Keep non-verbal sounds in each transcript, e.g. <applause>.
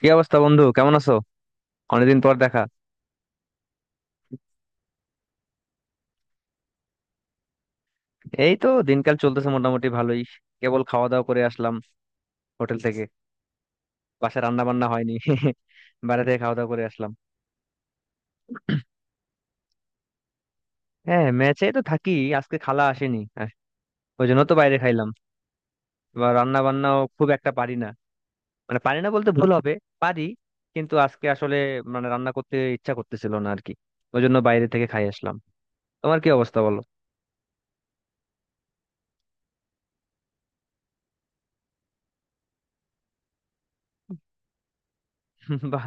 কি অবস্থা বন্ধু, কেমন আছো? অনেকদিন পর দেখা। এই তো দিনকাল চলতেছে মোটামুটি ভালোই। কেবল খাওয়া দাওয়া করে আসলাম হোটেল থেকে। বাসায় রান্না বান্না হয়নি। <laughs> বাইরে থেকে খাওয়া দাওয়া করে আসলাম। হ্যাঁ, ম্যাচে তো থাকি। আজকে খালা আসেনি ওই জন্য তো বাইরে খাইলাম। বা রান্না বান্নাও খুব একটা পারি না। মানে পারি না বলতে ভুল হবে, পারি, কিন্তু আজকে আসলে মানে রান্না করতে ইচ্ছা করতেছিল না আর কি। ওই জন্য বাইরে থেকে খাই আসলাম। তোমার কি অবস্থা বলো? <laughs> বাহ।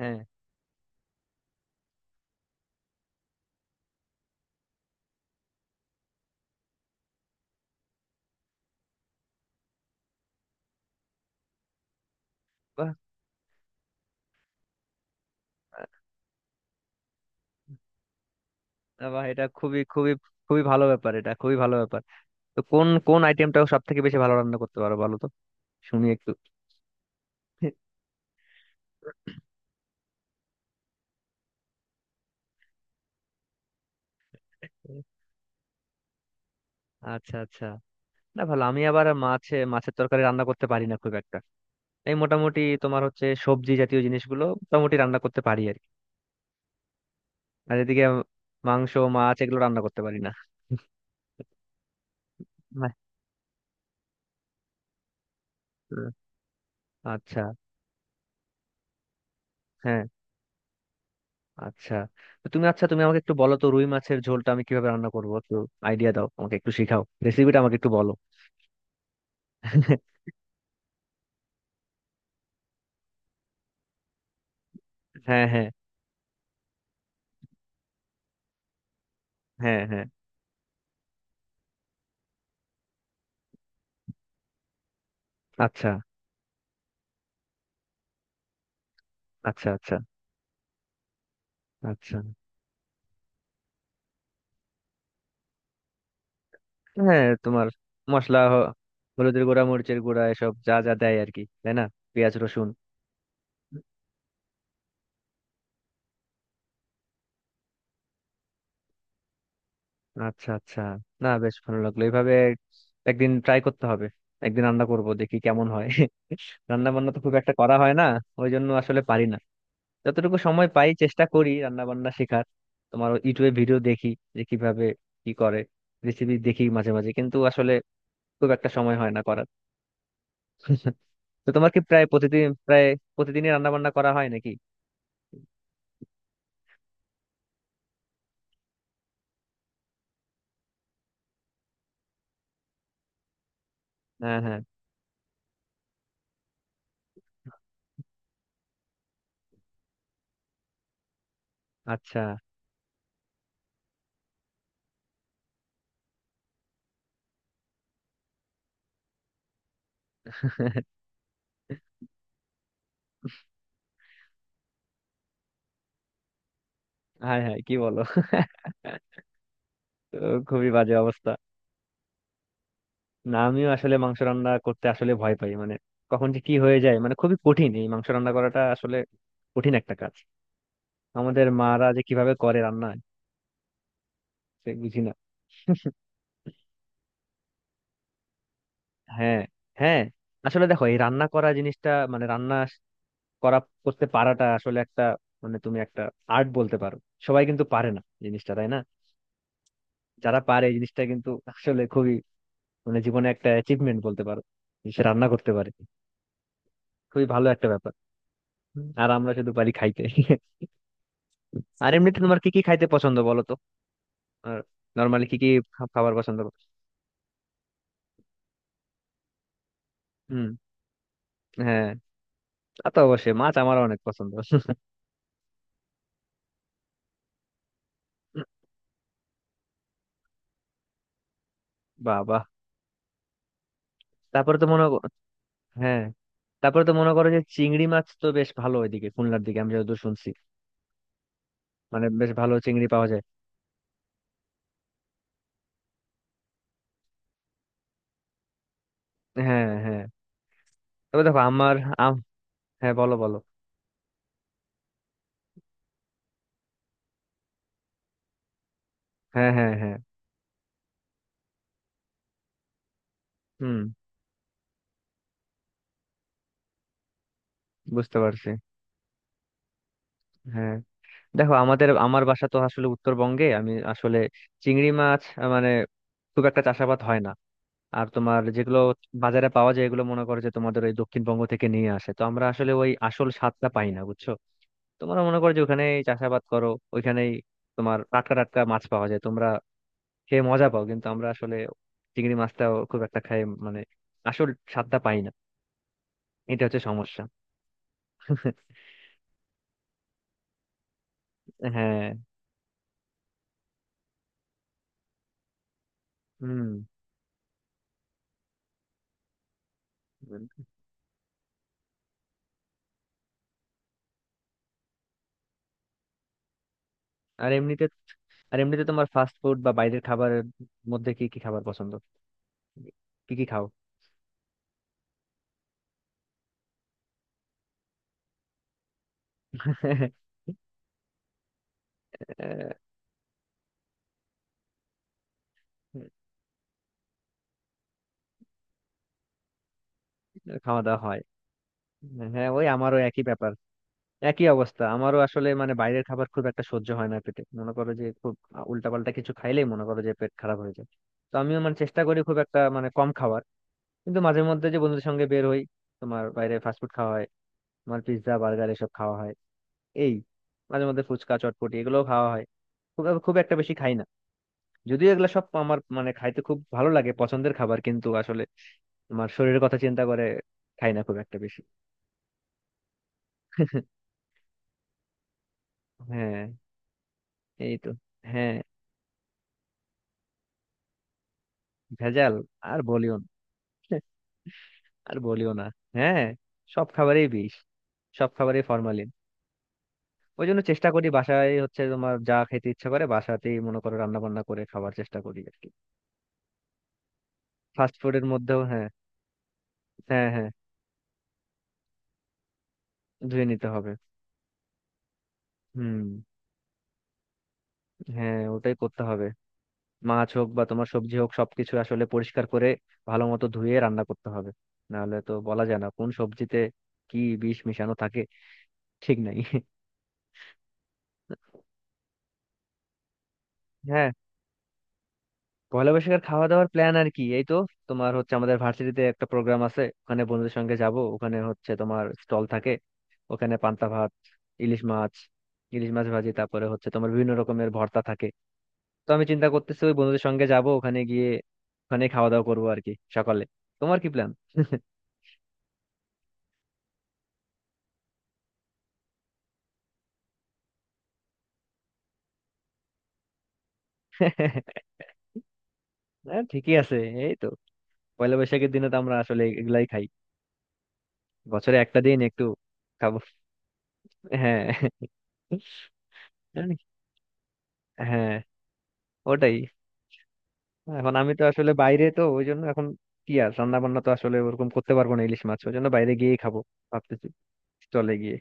হ্যাঁ, বাহ বাহ, এটা খুবই খুবই খুবই ভালো ব্যাপার, এটা খুবই ভালো ব্যাপার। তো কোন কোন আইটেমটা সব থেকে বেশি ভালো রান্না করতে পারো বলো তো, শুনি একটু। আচ্ছা আচ্ছা না ভালো, আমি আবার মাছে মাছের তরকারি রান্না করতে পারি না খুব একটা। এই মোটামুটি তোমার হচ্ছে সবজি জাতীয় জিনিসগুলো মোটামুটি রান্না করতে পারি আর কি। আর এদিকে মাংস মাছ এগুলো রান্না করতে পারি না। না। আচ্ছা। হ্যাঁ, আচ্ছা। তো তুমি আমাকে একটু বলো তো, রুই মাছের ঝোলটা আমি কিভাবে রান্না করবো, একটু আইডিয়া দাও আমাকে, একটু শেখাও, রেসিপিটা আমাকে একটু বলো। <laughs> হ্যাঁ হ্যাঁ হ্যাঁ হ্যাঁ আচ্ছা আচ্ছা আচ্ছা আচ্ছা হ্যাঁ, তোমার মশলা হ- হলুদের গুঁড়া, মরিচের গুঁড়া, এসব যা যা দেয় আর কি, তাই না? পেঁয়াজ রসুন। আচ্ছা আচ্ছা না বেশ ভালো লাগলো এইভাবে। একদিন ট্রাই করতে হবে। একদিন রান্না করব, দেখি কেমন হয়। <laughs> রান্না বান্না তো খুব একটা করা হয় না, ওই জন্য আসলে পারি না। যতটুকু সময় পাই চেষ্টা করি রান্না বান্না শেখার। তোমার ইউটিউবে ভিডিও দেখি, যে কিভাবে কি করে, রেসিপি দেখি মাঝে মাঝে, কিন্তু আসলে খুব একটা সময় হয় না করার। <laughs> তো তোমার কি প্রায় প্রতিদিনই রান্না বান্না করা হয় নাকি? হ্যাঁ হ্যাঁ আচ্ছা। হায় হায় কি বলো? তো খুবই বাজে অবস্থা। না আমিও আসলে মাংস রান্না করতে আসলে ভয় পাই, মানে কখন যে কি হয়ে যায়, মানে খুবই কঠিন এই মাংস রান্না করাটা, আসলে কঠিন একটা কাজ। আমাদের মারা যে কিভাবে করে রান্না, সে বুঝি না। হ্যাঁ হ্যাঁ আসলে দেখো এই রান্না করা জিনিসটা, মানে রান্না করা, করতে পারাটা আসলে একটা, মানে তুমি একটা আর্ট বলতে পারো। সবাই কিন্তু পারে না জিনিসটা, তাই না? যারা পারে এই জিনিসটা কিন্তু আসলে খুবই, মানে জীবনে একটা অ্যাচিভমেন্ট বলতে পারো, যে সে রান্না করতে পারে। খুবই ভালো একটা ব্যাপার। আর আমরা শুধু পারি খাইতে। আর এমনিতে তোমার কি কি খাইতে পছন্দ বলো তো? আর নর্মালি কি কি খাবার পছন্দ করো? হুম। হ্যাঁ, তা তো অবশ্যই, মাছ আমার অনেক পছন্দ। বাবা। তারপরে তো মনে কর- হ্যাঁ, তারপরে তো মনে করো যে চিংড়ি মাছ তো বেশ ভালো ওইদিকে, খুলনার দিকে আমি যতদূর শুনছি, মানে বেশ ভালো চিংড়ি পাওয়া যায়। হ্যাঁ হ্যাঁ তবে দেখো আমার আম, হ্যাঁ বলো বলো। হ্যাঁ হ্যাঁ হ্যাঁ হুম, বুঝতে পারছি। হ্যাঁ, দেখো আমাদের আমার বাসা তো আসলে উত্তরবঙ্গে, আমি আসলে চিংড়ি মাছ মানে খুব একটা চাষাবাদ হয় না। আর তোমার যেগুলো বাজারে পাওয়া যায় এগুলো মনে করো যে তোমাদের ওই দক্ষিণবঙ্গ থেকে নিয়ে আসে, তো আমরা আসলে ওই আসল স্বাদটা পাই না বুঝছো। তোমরা মনে করো যে ওখানেই চাষাবাদ করো, ওইখানেই তোমার টাটকা টাটকা মাছ পাওয়া যায়, তোমরা খেয়ে মজা পাও, কিন্তু আমরা আসলে চিংড়ি মাছটাও খুব একটা খাই, মানে আসল স্বাদটা পাই না, এটা হচ্ছে সমস্যা। <laughs> হ্যাঁ। হুম। আর এমনিতে, আর এমনিতে তোমার ফাস্ট ফুড বা বাইরের খাবারের মধ্যে কি কি খাবার পছন্দ, কি কি খাও? আহ, খাওয়া দাওয়া হয়। হ্যাঁ, ওই আমারও একই ব্যাপার। একই অবস্থা আমারও আসলে, মানে বাইরের খাবার খুব একটা সহ্য হয় না পেটে, মনে করো যে খুব উল্টাপাল্টা কিছু খাইলেই মনে করো যে পেট খারাপ হয়ে যায়। তো আমিও মানে চেষ্টা করি খুব একটা মানে কম খাওয়ার, কিন্তু মাঝে মধ্যে যে বন্ধুদের সঙ্গে বের হই, তোমার বাইরে ফাস্টফুড খাওয়া হয়, তোমার পিৎজা বার্গার এসব খাওয়া হয়, এই মাঝে মধ্যে ফুচকা চটপটি এগুলোও খাওয়া হয়। খুব খুব একটা বেশি খাই না, যদিও এগুলা সব আমার মানে খাইতে খুব ভালো লাগে, পছন্দের খাবার, কিন্তু আসলে আমার শরীরের কথা চিন্তা করে খাই না খুব একটা বেশি। <laughs> হ্যাঁ, এই তো। হ্যাঁ। ভেজাল আর বলিও না। <laughs> আর বলিও না। হ্যাঁ, সব খাবারেই বিষ, সব খাবারেই ফরমালিন। ওই জন্য চেষ্টা করি বাসায় হচ্ছে তোমার যা খেতে ইচ্ছা করে বাসাতেই মনে করো রান্না বান্না করে খাওয়ার চেষ্টা করি আর কি। ফাস্ট ফুডের মধ্যেও হ্যাঁ। হ্যাঁ, ধুয়ে নিতে হবে। হুম। হ্যাঁ, ওটাই করতে হবে। মাছ হোক বা তোমার সবজি হোক, সবকিছু আসলে পরিষ্কার করে ভালো মতো ধুয়ে রান্না করতে হবে। নাহলে তো বলা যায় না কোন সবজিতে কি বিষ মিশানো থাকে, ঠিক নাই। হ্যাঁ, পয়লা বৈশাখের খাওয়া দাওয়ার প্ল্যান আর কি এই তো। তোমার হচ্ছে আমাদের ভার্সিটিতে একটা প্রোগ্রাম আছে, ওখানে বন্ধুদের সঙ্গে যাব, ওখানে হচ্ছে তোমার স্টল থাকে, ওখানে পান্তা ভাত, ইলিশ মাছ, ইলিশ মাছ ভাজি, তারপরে হচ্ছে তোমার বিভিন্ন রকমের ভর্তা থাকে। তো আমি চিন্তা করতেছি ওই বন্ধুদের সঙ্গে যাব ওখানে গিয়ে, ওখানে খাওয়া দাওয়া করবো আর কি সকালে। তোমার কি প্ল্যান? <laughs> হ্যাঁ, ঠিকই আছে এই তো। পয়লা বৈশাখের দিনে তো আমরা আসলে এগুলাই খাই, বছরে একটা দিন একটু খাবো। <laughs> হ্যাঁ, জানি। হ্যাঁ, ওটাই। এখন আমি তো আসলে বাইরে তো ওই জন্য এখন কি আর রান্না বান্না তো আসলে ওরকম করতে পারবো না, ইলিশ মাছ ওই জন্য বাইরে গিয়েই খাবো ভাবতেছি, চলে গিয়ে।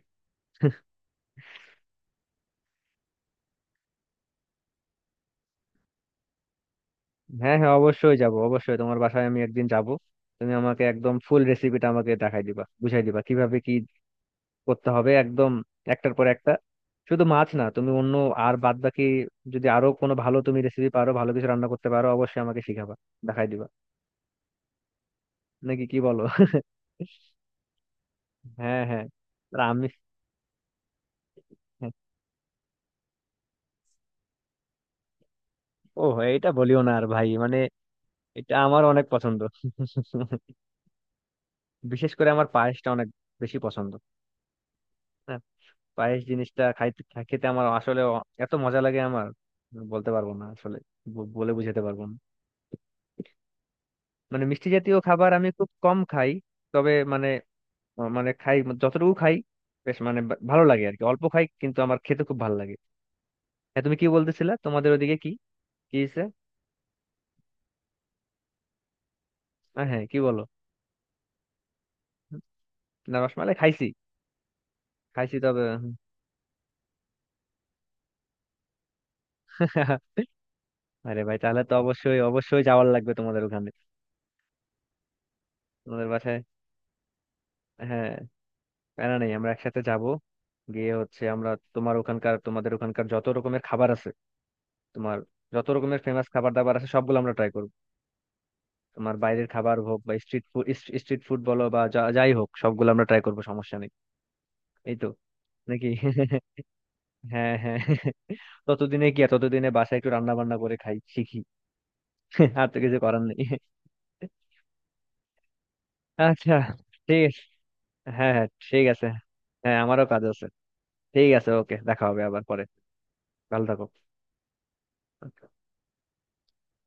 হ্যাঁ হ্যাঁ অবশ্যই যাব, অবশ্যই তোমার বাসায় আমি একদিন যাব। তুমি আমাকে একদম ফুল রেসিপিটা আমাকে দেখাই দিবা, বুঝাই দিবা কিভাবে কি করতে হবে একদম, একটার পর একটা। শুধু মাছ না, তুমি অন্য আর বাদ বাকি যদি আরো কোনো ভালো তুমি রেসিপি পারো, ভালো কিছু রান্না করতে পারো, অবশ্যই আমাকে শিখাবা, দেখাই দিবা। নাকি কি বলো? <laughs> হ্যাঁ হ্যাঁ। আর আমি, ও, এটা বলিও না আর ভাই, মানে এটা আমার অনেক পছন্দ। <laughs> বিশেষ করে আমার পায়েসটা অনেক বেশি পছন্দ। হ্যাঁ, পায়েস জিনিসটা খাইতে, খেতে আমার আসলে এত মজা লাগে আমার, বলতে পারবো না আসলে, বলে বুঝাতে পারবো না। মানে মিষ্টি জাতীয় খাবার আমি খুব কম খাই, তবে মানে আহ মানে খাই, যতটুকু খাই বেশ মানে ভালো লাগে আর কি। অল্প খাই কিন্তু আমার খেতে খুব ভালো লাগে। হ্যাঁ, তুমি কি বলতেছিলে তোমাদের ওদিকে কি কি হয়েছে? হ্যাঁ কি বলো? না রসমালাই খাইছি, খাইছি তবে। <laughs> আরে ভাই তাহলে তো অবশ্যই অবশ্যই যাওয়ার লাগবে তোমাদের ওখানে, তোমাদের বাসায়। হ্যাঁ, প্যারা নেই, আমরা একসাথে যাব, গিয়ে হচ্ছে আমরা তোমার ওখানকার, তোমাদের ওখানকার যত রকমের খাবার আছে, তোমার যত রকমের ফেমাস খাবার দাবার আছে সবগুলো আমরা ট্রাই করবো। তোমার বাইরের খাবার হোক বা স্ট্রিট ফুড, স্ট্রিট ফুড বলো বা যাই হোক, সবগুলো আমরা ট্রাই করবো, সমস্যা নেই এই তো। নাকি। হ্যাঁ হ্যাঁ। ততদিনে কি আর, ততদিনে বাসায় একটু রান্না বান্না করে খাই, শিখি, আর তো কিছু করার নেই। আচ্ছা, ঠিক আছে। হ্যাঁ হ্যাঁ, ঠিক আছে। হ্যাঁ, আমারও কাজ আছে। ঠিক আছে, ওকে, দেখা হবে আবার পরে। ভালো থাকো।